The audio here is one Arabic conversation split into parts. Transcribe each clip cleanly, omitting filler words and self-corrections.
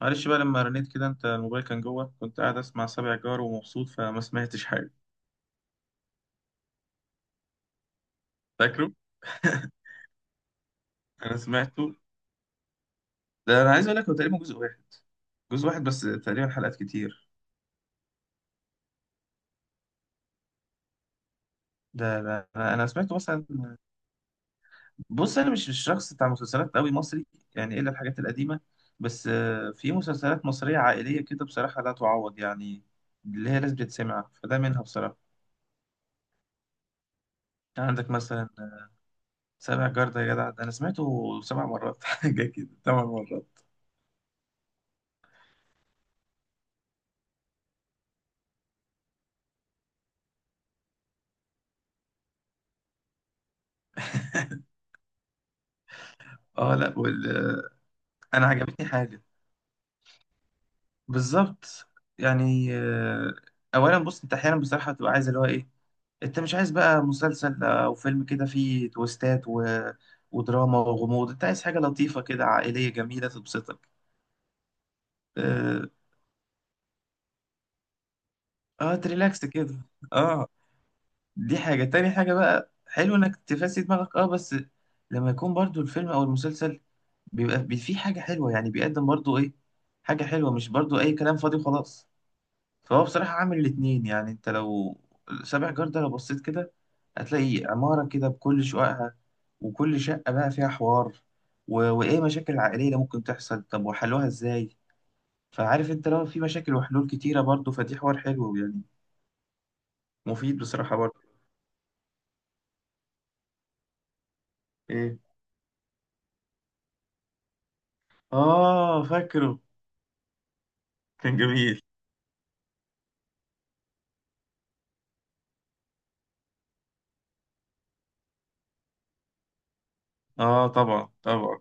معلش بقى لما رنيت كده انت الموبايل كان جوه، كنت قاعد اسمع سابع جار ومبسوط فما سمعتش حاجه. فاكره؟ انا سمعته. ده انا عايز اقول لك هو تقريبا جزء واحد. جزء واحد بس، تقريبا حلقات كتير. ده انا سمعته مثلا. بص، انا مش شخص بتاع مسلسلات قوي مصري، يعني الا الحاجات القديمه. بس في مسلسلات مصريه عائليه كده بصراحه لا تعوض يعني، اللي هي لازم تتسمع، فده منها بصراحه. عندك مثلا سابع جار، ده يا جدع ده انا سمعته سبع مرات حاجه كده ثمان مرات. اه، لا. انا عجبتني حاجه، بالظبط. يعني اولا بص، انت احيانا بصراحه بتبقى عايز اللي هو ايه، انت مش عايز بقى مسلسل او فيلم كده فيه تويستات ودراما وغموض، انت عايز حاجه لطيفه كده عائليه جميله تبسطك. اه، آه تريلاكس كده. اه. دي حاجه تاني، حاجه بقى حلو انك تفسي دماغك، اه، بس لما يكون برضو الفيلم او المسلسل بيبقى فيه حاجه حلوه، يعني بيقدم برضو ايه، حاجه حلوه، مش برضو اي كلام فاضي وخلاص. فهو بصراحة عامل الاتنين. يعني انت لو سابع جار ده لو بصيت كده هتلاقي عمارة كده بكل شققها، وكل شقة بقى فيها حوار وإيه، مشاكل عائلية اللي ممكن تحصل، طب وحلوها إزاي. فعارف، انت لو في مشاكل وحلول كتيرة برضه، فدي حوار حلو يعني، مفيد بصراحة برضه. إيه؟ آه فاكره، كان جميل. آه طبعا طبعا.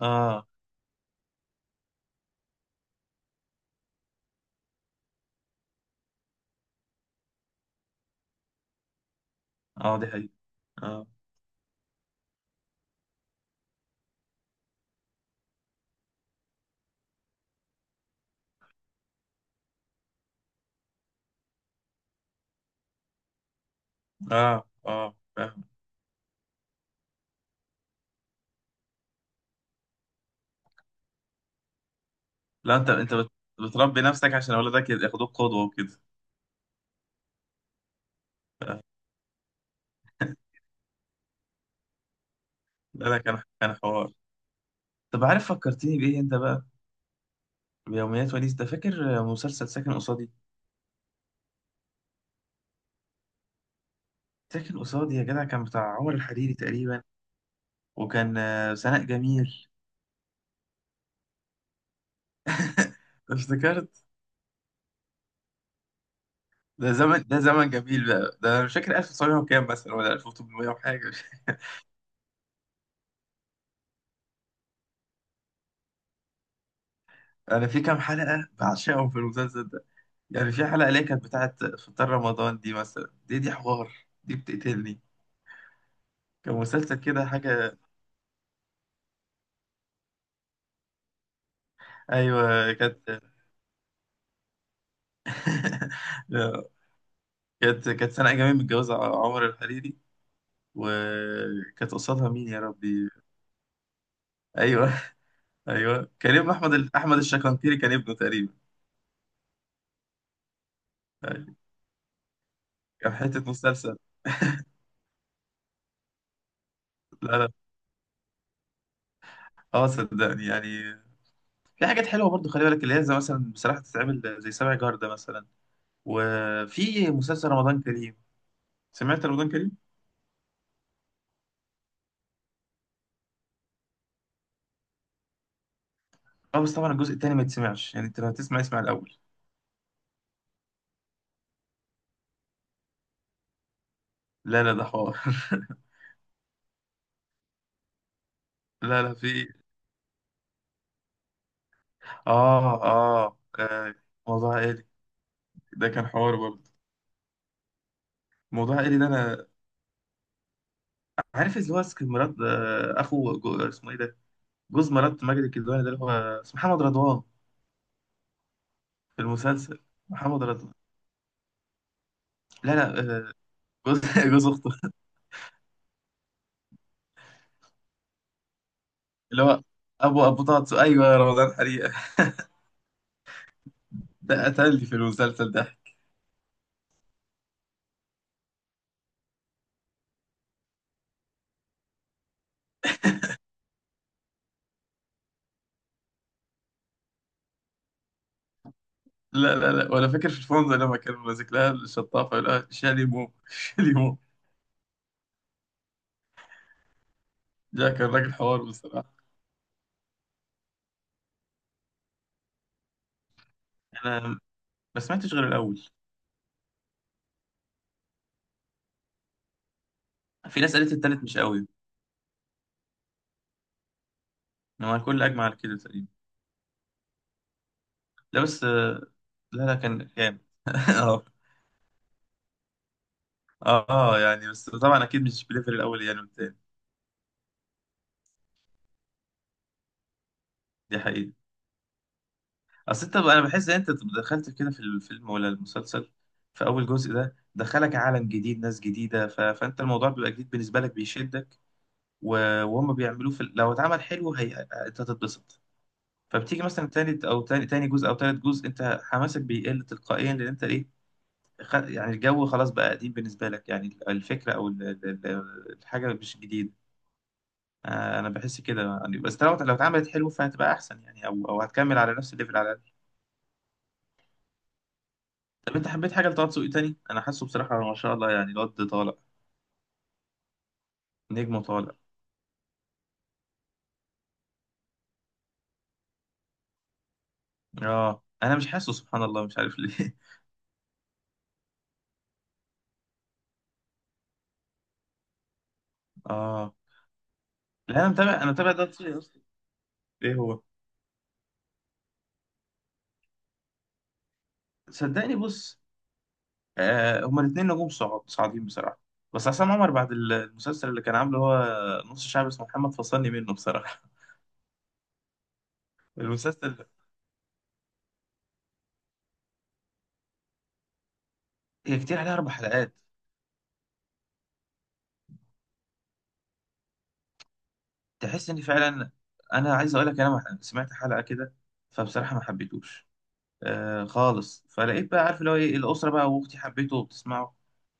آه، آه، دي حقيقة. آه، آه، آه، فاهم. لا، انت بتربي نفسك عشان أولادك ياخدوك قدوة وكده. لا لا، كان حوار. طب عارف فكرتني بإيه أنت بقى؟ بيوميات ونيس ده، فاكر مسلسل ساكن قصادي؟ ساكن قصادي يا جدع، كان بتاع عمر الحريري تقريبا، وكان سناء جميل. افتكرت. ده زمن جميل بقى، ده أنا مش فاكر 1900 وكام مثلا، ولا 1800 وحاجة مش فاكر. أنا في كام حلقة بعشقهم في المسلسل ده، يعني في حلقة اللي هي كانت بتاعت فطار رمضان دي مثلا، دي حوار، دي بتقتلني. كان مسلسل كده حاجة. أيوه كانت. كانت سنة أيام متجوزة عمر الحريري، وكانت قصادها مين يا ربي؟ أيوه. أيوه، كان ابن أحمد أحمد الشكنكيري كان ابنه تقريبا. أيوة. كان حتة مسلسل. لا لا. أه صدقني يعني، في حاجات حلوة برضو، خلي بالك اللي هي زي مثلا بصراحة تتعمل زي سبع جار ده مثلا. وفي مسلسل رمضان كريم، سمعت رمضان كريم؟ أه، بس طبعا الجزء التاني ما يتسمعش يعني، أنت لو هتسمع اسمع الأول. لا لا، ده حوار. لا لا، في آه، آه، آه، موضوع عائلي. ده كان حوار برضه. موضوع عائلي، ده أنا عارف اللي هو مراد، اخو اسمه ايه ده، جوز مرات ماجد الكدواني، ده اللي هو اسمه محمد رضوان، في المسلسل، محمد رضوان. لا لا، آه، جوز جوز اخته، اللي هو ابو طاطس، ايوه يا رمضان حريقه. ده قتلني في المسلسل ده. لا لا لا، ولا فاكر في الفندق لما كان ماسك لها الشطافه يقول لها شاليمو شاليمو. ده كان راجل حوار بصراحه. انا ما سمعتش غير الاول. في ناس قالت التالت مش قوي، هو الكل اجمع على كده تقريبا. لا بس لا لا، كان جامد. اه يعني، بس طبعا اكيد مش بليفل الاول يعني والتاني. دي حقيقة. اصل انت، انا بحس ان انت دخلت كده في الفيلم ولا المسلسل في اول جزء ده، دخلك عالم جديد، ناس جديدة، فانت الموضوع بيبقى جديد بالنسبة لك، بيشدك، و... وهم بيعملوه لو اتعمل حلو انت هتتبسط. فبتيجي مثلا تالت او تاني جزء او تالت جزء، انت حماسك بيقل تلقائيا، لان انت ايه، يعني الجو خلاص بقى قديم بالنسبة لك، يعني الفكرة او ال الحاجة مش جديدة. انا بحس كده يعني، بس لو اتعملت حلو فهتبقى احسن يعني، او هتكمل على نفس الليفل على الاقل. طب انت حبيت حاجه لطه دسوقي تاني؟ انا حاسه بصراحه ما شاء الله يعني الواد طالع، نجمه طالع. اه، انا مش حاسه، سبحان الله مش عارف ليه. اه. لا، انا متابع، طه دسوقي اصلا. ايه هو؟ صدقني بص، آه هما الاثنين نجوم صاعدين بصراحه، بس عصام عمر بعد المسلسل اللي كان عامله هو نص شعب اسمه محمد، فصلني منه بصراحه. المسلسل هي كتير عليها اربع حلقات. تحس ان فعلا، انا عايز اقول لك، انا سمعت حلقه كده فبصراحه ما حبيتوش آه خالص، فلقيت بقى عارف اللي هو ايه، الاسره بقى واختي حبيته وبتسمعه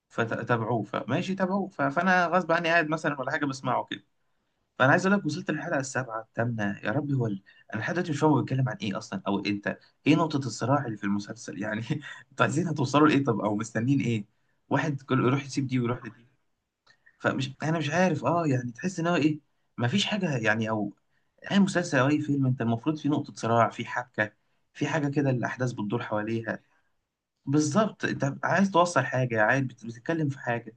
فتابعوه، فماشي تابعوه، فانا غصب عني قاعد مثلا ولا حاجه بسمعه كده. فانا عايز اقول لك، وصلت للحلقه السابعه الثامنه يا ربي، انا لحد دلوقتي مش فاهم هو بيتكلم عن ايه اصلا، او انت ايه نقطه الصراع اللي في المسلسل يعني؟ انتوا عايزين هتوصلوا لايه، طب، او مستنين ايه؟ واحد كل يروح يسيب دي ويروح لدي. فمش، انا مش عارف اه يعني، تحس ان هو ايه، مفيش حاجه يعني. او اي مسلسل او اي فيلم، انت المفروض في نقطه صراع، في حبكه، في حاجه كده الاحداث بتدور حواليها. بالظبط، انت عايز توصل حاجه، عايز بتتكلم في حاجه.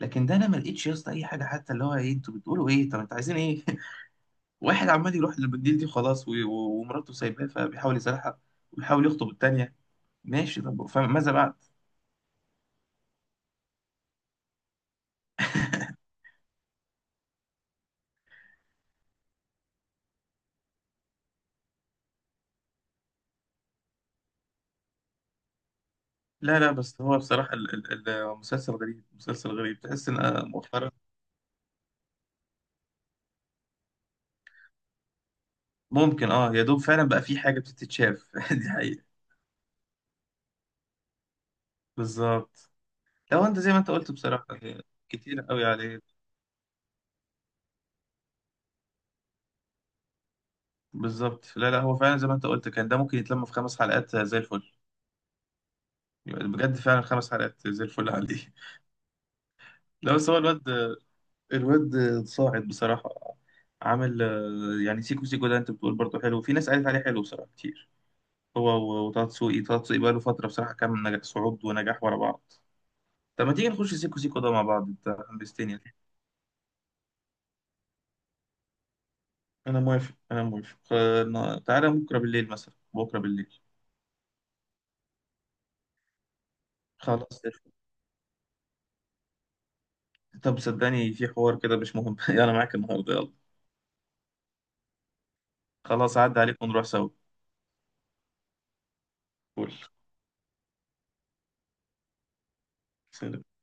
لكن ده انا ما لقيتش يا اسطى اي حاجه، حتى اللي هو ايه، انتوا بتقولوا ايه، طب انتوا عايزين ايه؟ واحد عمال يروح للمدير دي، خلاص، ومراته سايباه فبيحاول يصالحها، وبيحاول يخطب التانيه. ماشي طب، فماذا بعد؟ لا لا، بس هو بصراحه المسلسل غريب، مسلسل غريب، تحس ان مؤخرا ممكن، اه يا دوب فعلا بقى في حاجة بتتشاف. دي حقيقة. بالظبط، لو انت زي ما انت قلت بصراحة، كتير قوي عليه. بالظبط، لا لا، هو فعلا زي ما انت قلت، كان ده ممكن يتلم في خمس حلقات زي الفل. يبقى بجد فعلا خمس حلقات زي الفل عندي. لا، بس هو الواد، الواد صاعد بصراحة، عامل يعني سيكو سيكو ده، انت بتقول برضه حلو، في ناس قالت عليه حلو بصراحة كتير. هو وطه دسوقي، طه دسوقي بقاله فترة بصراحة، كان نجاح صعود ونجاح ورا بعض. طب ما تيجي نخش سيكو سيكو ده مع بعض، انت حمستني. انا موافق انا موافق، تعالى بكره بالليل مثلا، بكره بالليل. خلاص قشطة. طب صدقني في حوار كده مش مهم. انا معاك النهارده، يلا. خلاص عدى عليك ونروح سوا. فل. سلام.